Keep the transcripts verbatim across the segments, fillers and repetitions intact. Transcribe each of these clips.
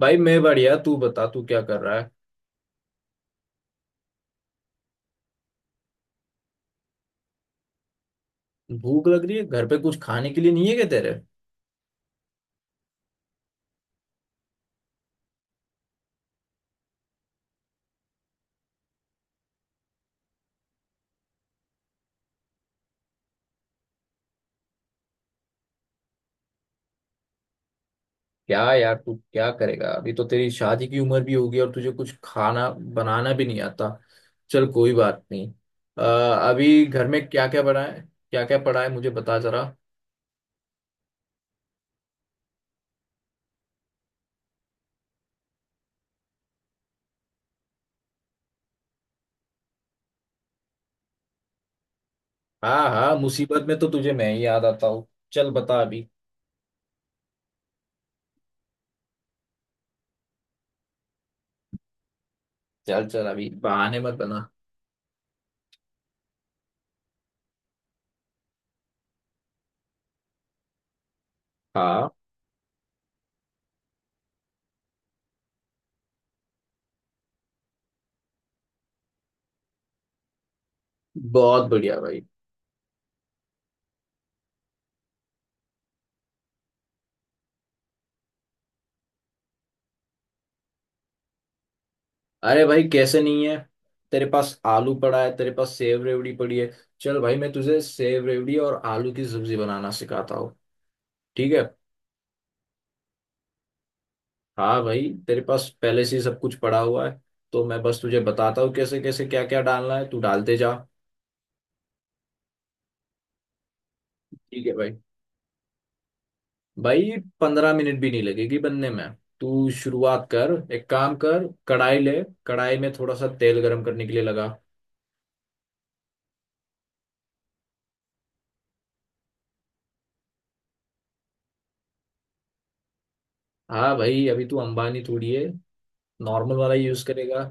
भाई मैं बढ़िया। तू बता, तू क्या कर रहा है। भूख लग रही है, घर पे कुछ खाने के लिए नहीं है क्या तेरे। क्या यार, तू क्या करेगा, अभी तो तेरी शादी की उम्र भी होगी और तुझे कुछ खाना बनाना भी नहीं आता। चल, कोई बात नहीं। आ, अभी घर में क्या क्या बना है, क्या क्या पड़ा है मुझे बता जरा। हाँ हाँ, मुसीबत में तो तुझे मैं ही याद आता हूँ। चल बता अभी। चल चल, अभी बहाने मत बना। हाँ, बहुत बढ़िया भाई। अरे भाई, कैसे नहीं है। तेरे पास आलू पड़ा है, तेरे पास सेव रेवड़ी पड़ी है। चल भाई, मैं तुझे सेव रेवड़ी और आलू की सब्जी बनाना सिखाता हूँ। ठीक है। हाँ भाई, तेरे पास पहले से ही सब कुछ पड़ा हुआ है। तो मैं बस तुझे बताता हूँ कैसे कैसे क्या क्या डालना है, तू डालते जा। ठीक है भाई। भाई, पंद्रह मिनट भी नहीं लगेगी बनने में। तू शुरुआत कर, एक काम कर, कढ़ाई ले। कढ़ाई में थोड़ा सा तेल गरम करने के लिए लगा। हाँ भाई, अभी तू अंबानी थोड़ी है। नॉर्मल वाला यूज करेगा।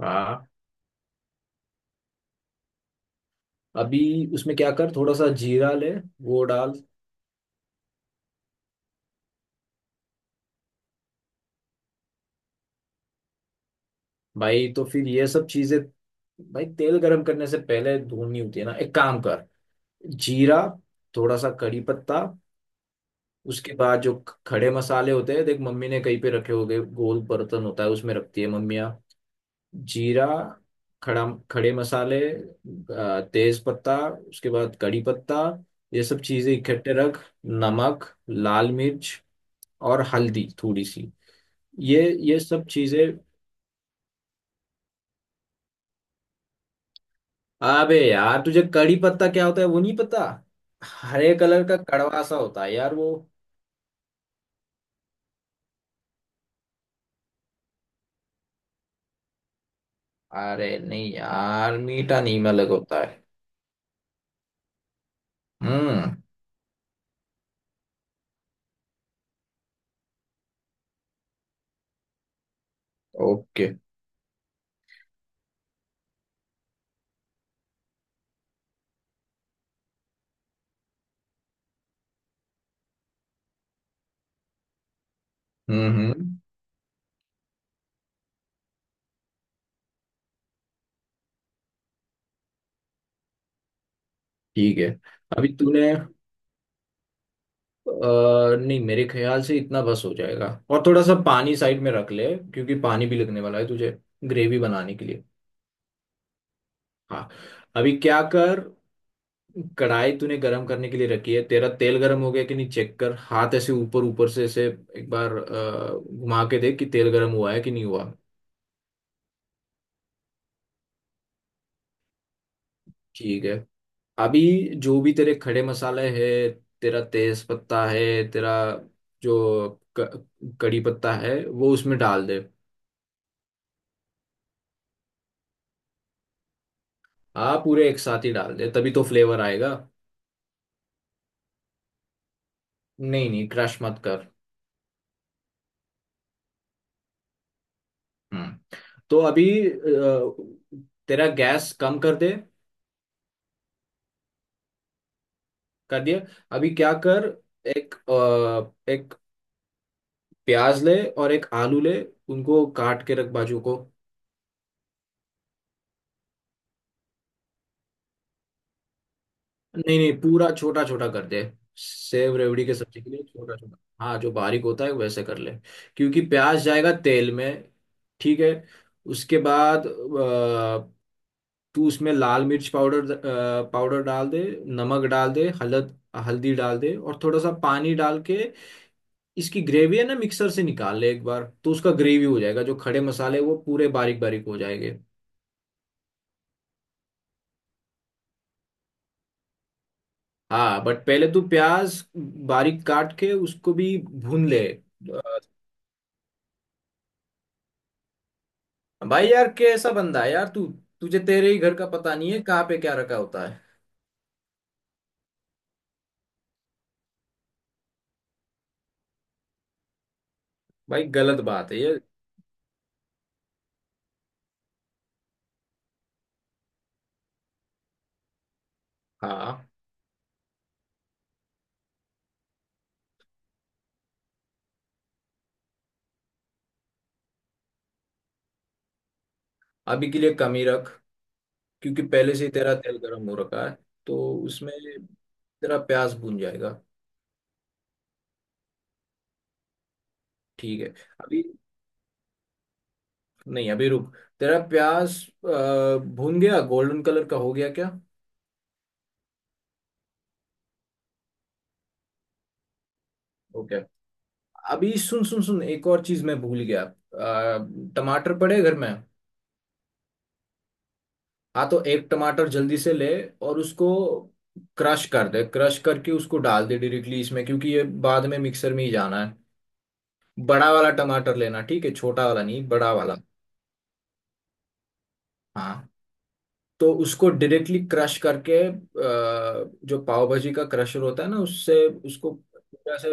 हाँ। अभी उसमें क्या कर, थोड़ा सा जीरा ले, वो डाल। भाई तो फिर ये सब चीजें, भाई तेल गरम करने से पहले भूननी होती है ना, एक काम कर। जीरा, थोड़ा सा कड़ी पत्ता, उसके बाद जो ख- खड़े मसाले होते हैं, देख मम्मी ने कहीं पे रखे होंगे, गोल बर्तन होता है उसमें रखती है मम्मियाँ। जीरा, खड़ा, खड़े मसाले, अ, तेज पत्ता उसके बाद कड़ी पत्ता। ये सब चीजें इकट्ठे रख। नमक, लाल मिर्च और हल्दी थोड़ी सी। ये ये सब चीजें। अबे यार, तुझे कड़ी पत्ता क्या होता है वो नहीं पता। हरे कलर का कड़वा सा होता है यार वो। अरे नहीं यार, मीठा नीम अलग होता है। हम्म। ओके। हम्म हम्म। ठीक है। अभी तूने अ, नहीं, मेरे ख्याल से इतना बस हो जाएगा, और थोड़ा सा पानी साइड में रख ले। क्योंकि पानी भी लगने वाला है तुझे, ग्रेवी बनाने के लिए। हाँ। अभी क्या कर, कढ़ाई तूने गरम करने के लिए रखी है, तेरा तेल गरम हो गया कि नहीं चेक कर, हाथ ऐसे ऊपर ऊपर से ऐसे एक बार अ, घुमा के देख कि तेल गरम हुआ है कि नहीं हुआ। ठीक है। अभी जो भी तेरे खड़े मसाले है, तेरा तेज पत्ता है, तेरा जो क- कड़ी पत्ता है वो उसमें डाल दे। हाँ, पूरे एक साथ ही डाल दे, तभी तो फ्लेवर आएगा। नहीं नहीं, क्रश मत कर। हम्म। तो अभी अ, तेरा गैस कम कर दे। कर दिया। अभी क्या कर, एक अ, एक प्याज ले और एक आलू ले, उनको काट के रख बाजू को। नहीं नहीं, पूरा छोटा छोटा कर दे, सेव रेवड़ी के सब्जी के लिए छोटा छोटा। हाँ, जो बारीक होता है वैसे कर ले। क्योंकि प्याज जाएगा तेल में। ठीक है। उसके बाद अ, तू उसमें लाल मिर्च पाउडर पाउडर डाल दे, नमक डाल दे, हलद हल्दी डाल दे और थोड़ा सा पानी डाल के, इसकी ग्रेवी है ना, मिक्सर से निकाल ले एक बार तो उसका ग्रेवी हो जाएगा, जो खड़े मसाले वो पूरे बारीक बारीक हो जाएंगे। हाँ बट पहले तू प्याज बारीक काट के उसको भी भून ले अ, भाई यार, कैसा बंदा है यार तू, तुझे तेरे ही घर का पता नहीं है कहाँ पे क्या रखा होता है। भाई गलत बात है ये। हाँ, अभी के लिए कम ही रख। क्योंकि पहले से ही तेरा तेल गर्म हो रखा है, तो उसमें तेरा प्याज भून जाएगा। ठीक है। अभी, नहीं अभी रुक, तेरा प्याज अ, भून गया, गोल्डन कलर का हो गया क्या। ओके। अभी सुन सुन सुन, एक और चीज मैं भूल गया, अ, टमाटर पड़े घर में। हाँ, तो एक टमाटर जल्दी से ले और उसको क्रश कर दे, क्रश करके उसको डाल दे डायरेक्टली इसमें, क्योंकि ये बाद में मिक्सर में ही जाना है। बड़ा वाला टमाटर लेना, ठीक है, छोटा वाला नहीं, बड़ा वाला। हाँ, तो उसको डायरेक्टली क्रश करके अ, जो पाव भाजी का क्रशर होता है ना, उससे उसको पूरा से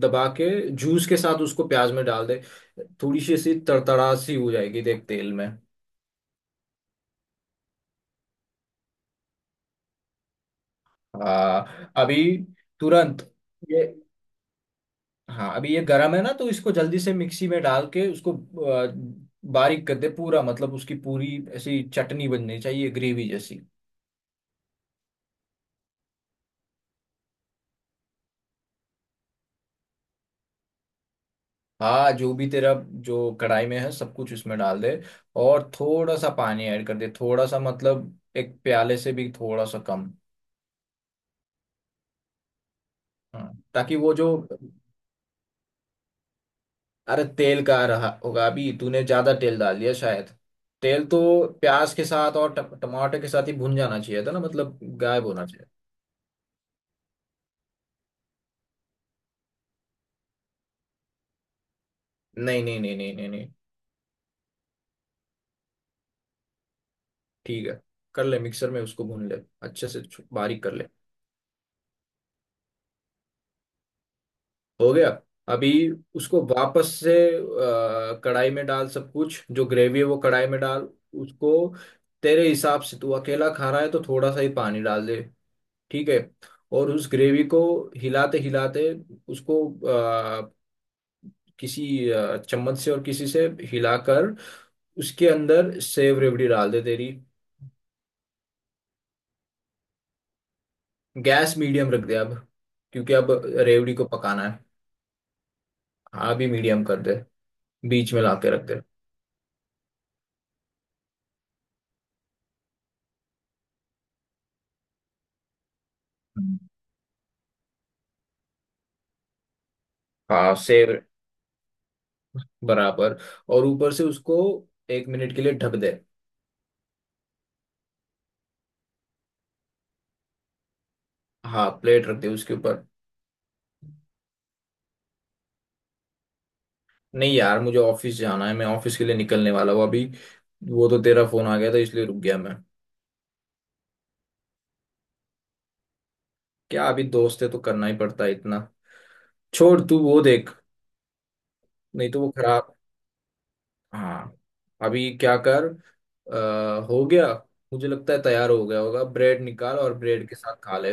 दबा के जूस के साथ उसको प्याज में डाल दे। थोड़ी सी सी तड़तड़ा सी हो जाएगी देख तेल में। हाँ, अभी तुरंत ये, हाँ अभी ये गरम है ना, तो इसको जल्दी से मिक्सी में डाल के उसको अ, बारीक कर दे पूरा, मतलब उसकी पूरी ऐसी चटनी बननी चाहिए ग्रेवी जैसी। हाँ, जो भी तेरा, जो कढ़ाई में है सब कुछ उसमें डाल दे। और थोड़ा सा पानी ऐड कर दे, थोड़ा सा मतलब एक प्याले से भी थोड़ा सा कम। हाँ, ताकि वो जो, अरे तेल का रहा होगा, अभी तूने ज्यादा तेल डाल दिया शायद। तेल तो प्याज के साथ और ट- टमाटर के साथ ही भुन जाना चाहिए था ना, मतलब गायब होना चाहिए। नहीं नहीं नहीं नहीं नहीं नहीं। ठीक है। कर ले मिक्सर में उसको भून ले, अच्छे से छु- बारीक कर ले। हो गया। अभी उसको वापस से अ, कढ़ाई में डाल सब कुछ, जो ग्रेवी है वो कढ़ाई में डाल, उसको तेरे हिसाब से तू अकेला खा रहा है तो थोड़ा सा ही पानी डाल दे। ठीक है। और उस ग्रेवी को हिलाते हिलाते उसको अ, किसी अ, चम्मच से और किसी से हिलाकर उसके अंदर सेव रेवड़ी डाल दे तेरी। गैस मीडियम रख दे अब, क्योंकि अब रेवड़ी को पकाना है। हाँ भी मीडियम कर दे, बीच में लाके रख दे। हम्म। हाँ सेव बराबर, और ऊपर से उसको एक मिनट के लिए ढक दे। हाँ, प्लेट रख दे उसके ऊपर। नहीं यार, मुझे ऑफिस जाना है, मैं ऑफिस के लिए निकलने वाला हूँ अभी। वो तो तेरा फोन आ गया था इसलिए रुक गया मैं। क्या, अभी दोस्त है तो करना ही पड़ता है इतना। छोड़ तू वो देख, नहीं तो वो खराब। हाँ। अभी क्या कर, आ, हो गया, मुझे लगता है तैयार हो गया होगा, ब्रेड निकाल और ब्रेड के साथ खा ले।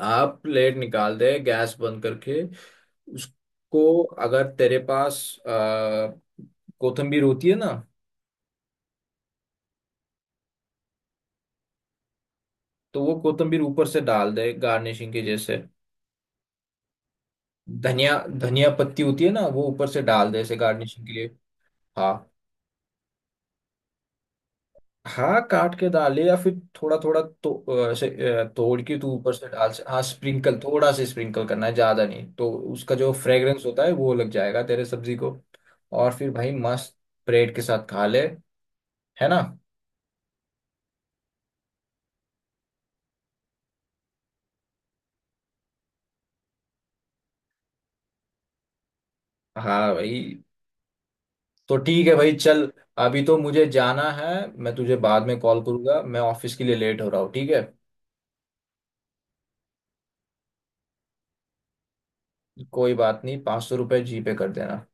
आप प्लेट निकाल दे गैस बंद करके। उसको अगर तेरे पास आ, कोथिम्बीर होती है ना, तो वो कोथिम्बीर ऊपर से डाल दे गार्निशिंग के जैसे, धनिया धनिया पत्ती होती है ना, वो ऊपर से डाल दे ऐसे गार्निशिंग के लिए। हाँ, हाँ काट के डाले या फिर थोड़ा थोड़ा तो अ, ऐसे अ, तोड़ के तू ऊपर से डाल से। हाँ स्प्रिंकल, थोड़ा सा स्प्रिंकल करना है, ज्यादा नहीं, तो उसका जो फ्रेग्रेंस होता है वो लग जाएगा तेरे सब्जी को। और फिर भाई, मस्त ब्रेड के साथ खा ले, है ना। हाँ भाई, तो ठीक है भाई चल, अभी तो मुझे जाना है, मैं तुझे बाद में कॉल करूंगा, मैं ऑफिस के लिए लेट हो रहा हूँ। ठीक है। कोई बात नहीं, पाँच सौ रुपये जी पे कर देना।